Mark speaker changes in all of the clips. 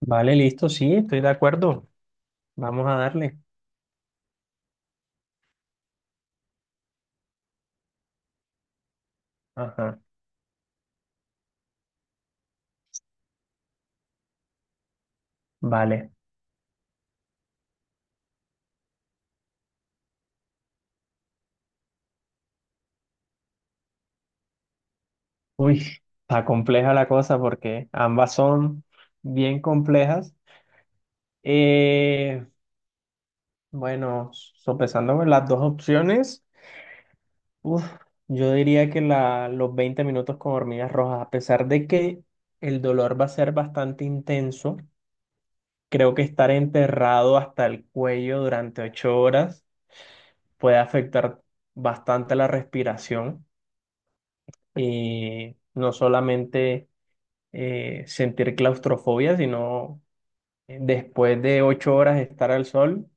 Speaker 1: Vale, listo, sí, estoy de acuerdo. Vamos a darle. Ajá, vale. Uy, está compleja la cosa porque ambas son bien complejas. Eh, bueno, sopesando con las dos opciones, uf, yo diría que los 20 minutos con hormigas rojas, a pesar de que el dolor va a ser bastante intenso, creo que estar enterrado hasta el cuello durante 8 horas puede afectar bastante la respiración. Y no solamente sentir claustrofobia, sino después de 8 horas estar al sol,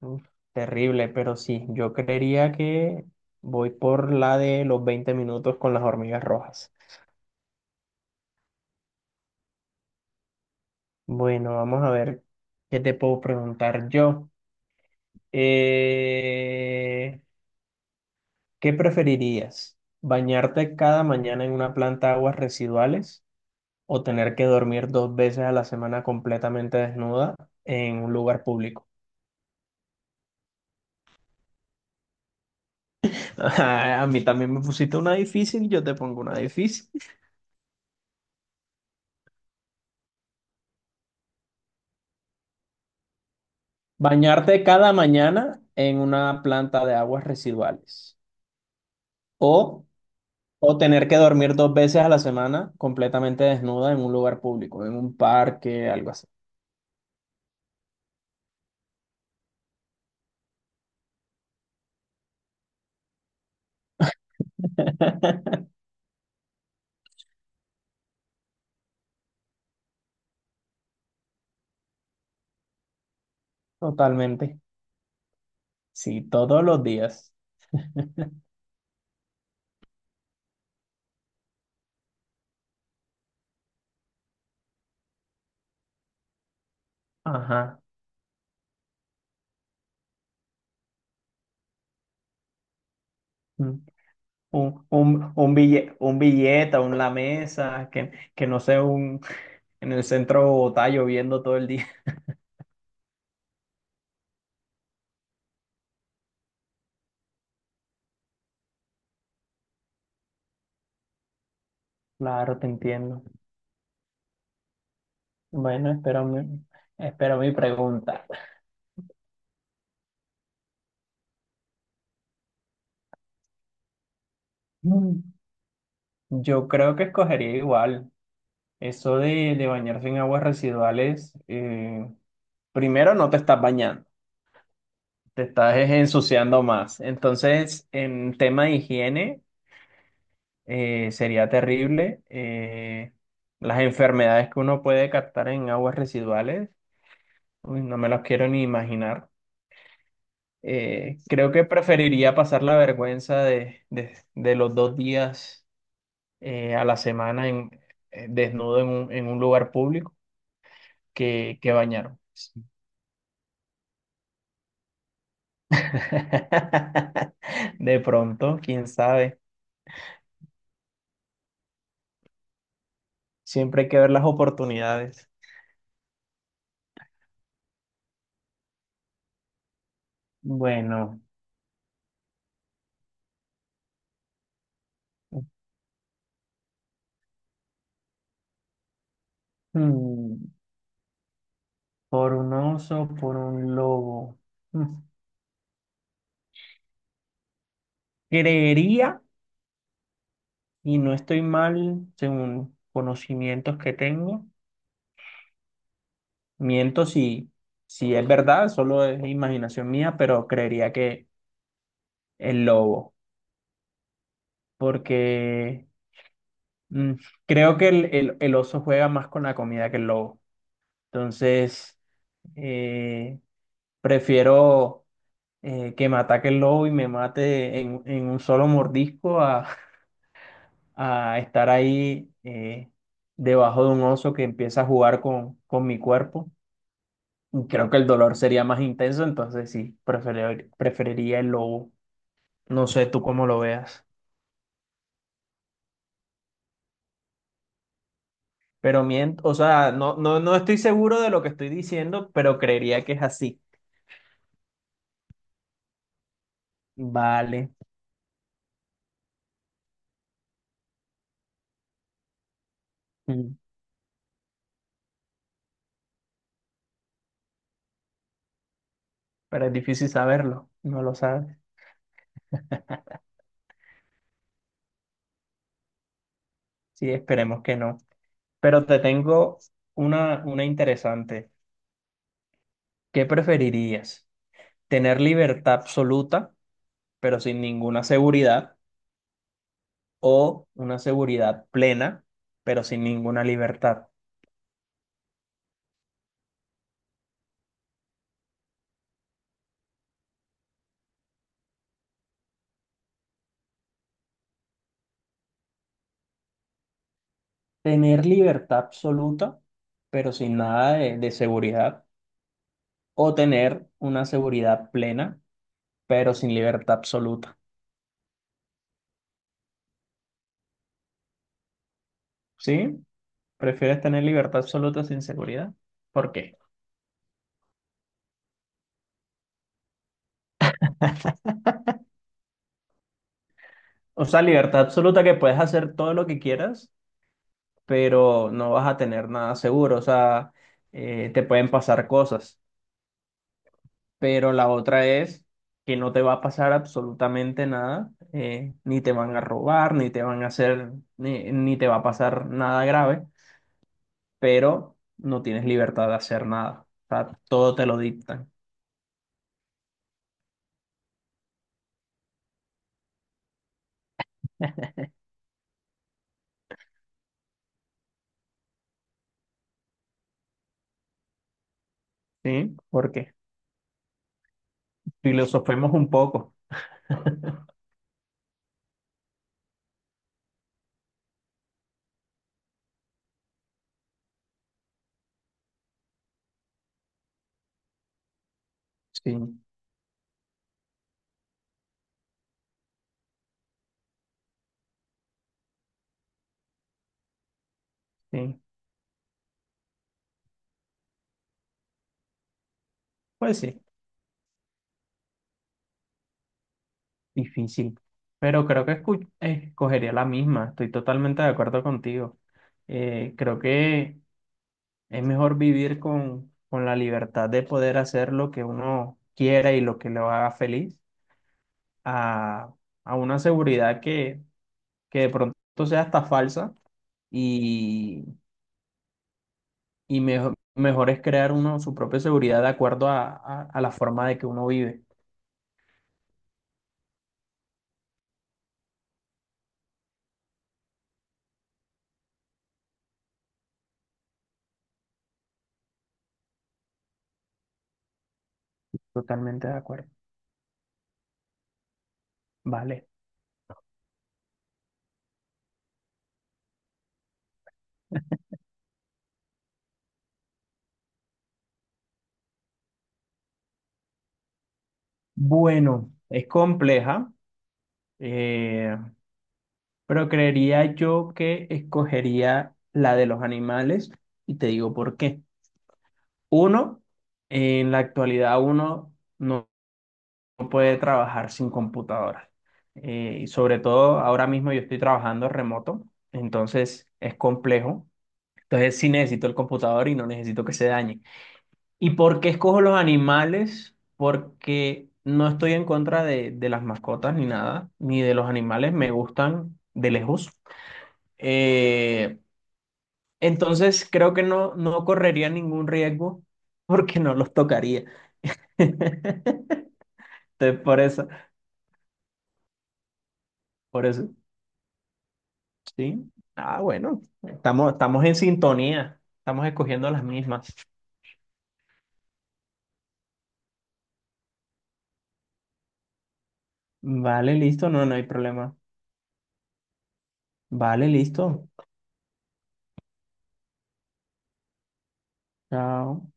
Speaker 1: uf, terrible, pero sí, yo creería que voy por la de los 20 minutos con las hormigas rojas. Bueno, vamos a ver qué te puedo preguntar yo. Eh, ¿Qué preferirías? ¿Bañarte cada mañana en una planta de aguas residuales o tener que dormir 2 veces a la semana completamente desnuda en un lugar público? A mí también me pusiste una difícil, yo te pongo una difícil. ¿Bañarte cada mañana en una planta de aguas residuales o, o tener que dormir dos veces a la semana completamente desnuda en un lugar público, en un parque, algo así? Totalmente. Sí, todos los días. Ajá. Mm. Un billete, un lamesa, que no sea un. En el centro de Bogotá lloviendo todo el día. Claro, te entiendo. Bueno, espero mi pregunta. Mm, Yo creo que escogería igual. Eso de bañarse en aguas residuales, primero no te estás bañando, te ensuciando más. Entonces, en tema de higiene, sería terrible. Las enfermedades que uno puede captar en aguas residuales, uy, no me las quiero ni imaginar. Creo que preferiría pasar la vergüenza de los 2 días a la semana en, desnudo en un lugar público que bañarme. De pronto, quién sabe. Siempre hay que ver las oportunidades. Bueno, hmm, por un oso, por un lobo. Hmm, Creería, y no estoy mal según conocimientos que tengo. Miento si, si es verdad, solo es imaginación mía, pero creería que el lobo, porque mm, creo que el oso juega más con la comida que el lobo. Entonces, eh, prefiero que me ataque el lobo y me mate en un solo mordisco a, a estar ahí debajo de un oso que empieza a jugar con mi cuerpo. Y creo que el dolor sería más intenso, entonces sí, preferiría el lobo. No sé tú cómo lo veas, pero o sea, no, no, no estoy seguro de lo que estoy diciendo, pero creería que es así. Vale, mm, pero es difícil saberlo, no lo sabes. Sí, esperemos que no. Pero te tengo una interesante. ¿Qué preferirías? ¿Tener libertad absoluta, pero sin ninguna seguridad, o una seguridad plena, pero sin ninguna libertad? Tener libertad absoluta, pero sin nada de seguridad o tener una seguridad plena, pero sin libertad absoluta. ¿Sí? ¿Prefieres tener libertad absoluta sin seguridad? ¿Por qué? O sea, libertad absoluta que puedes hacer todo lo que quieras, pero no vas a tener nada seguro. O sea, te pueden pasar cosas. Pero la otra es que no te va a pasar absolutamente nada, ni te van a robar, ni te van a hacer, ni te va a pasar nada grave, pero no tienes libertad de hacer nada. O sea, todo te lo dictan. Sí, porque filosofemos un poco. Sí, sí. Pues sí, difícil. Pero creo que escogería la misma. Estoy totalmente de acuerdo contigo. Creo que es mejor vivir con la libertad de poder hacer lo que uno quiera y lo que lo haga feliz a, a una seguridad que de pronto sea hasta falsa y, y mejor, mejor es crear uno su propia seguridad de acuerdo a la forma de que uno vive. Totalmente de acuerdo. Vale. Bueno, es compleja, eh, pero creería yo que escogería la de los animales y te digo por qué. Uno, en la actualidad uno no puede trabajar sin computadora. Y sobre todo ahora mismo yo estoy trabajando remoto, entonces es complejo. Entonces sí necesito el computador y no necesito que se dañe. ¿Y por qué escojo los animales? Porque no estoy en contra de las mascotas ni nada, ni de los animales, me gustan de lejos. Eh, entonces creo que no, no correría ningún riesgo porque no los tocaría. Entonces, por eso, por eso, sí. Ah, bueno, estamos, estamos en sintonía, estamos escogiendo las mismas. Vale, listo, no, no hay problema. Vale, listo. Chao.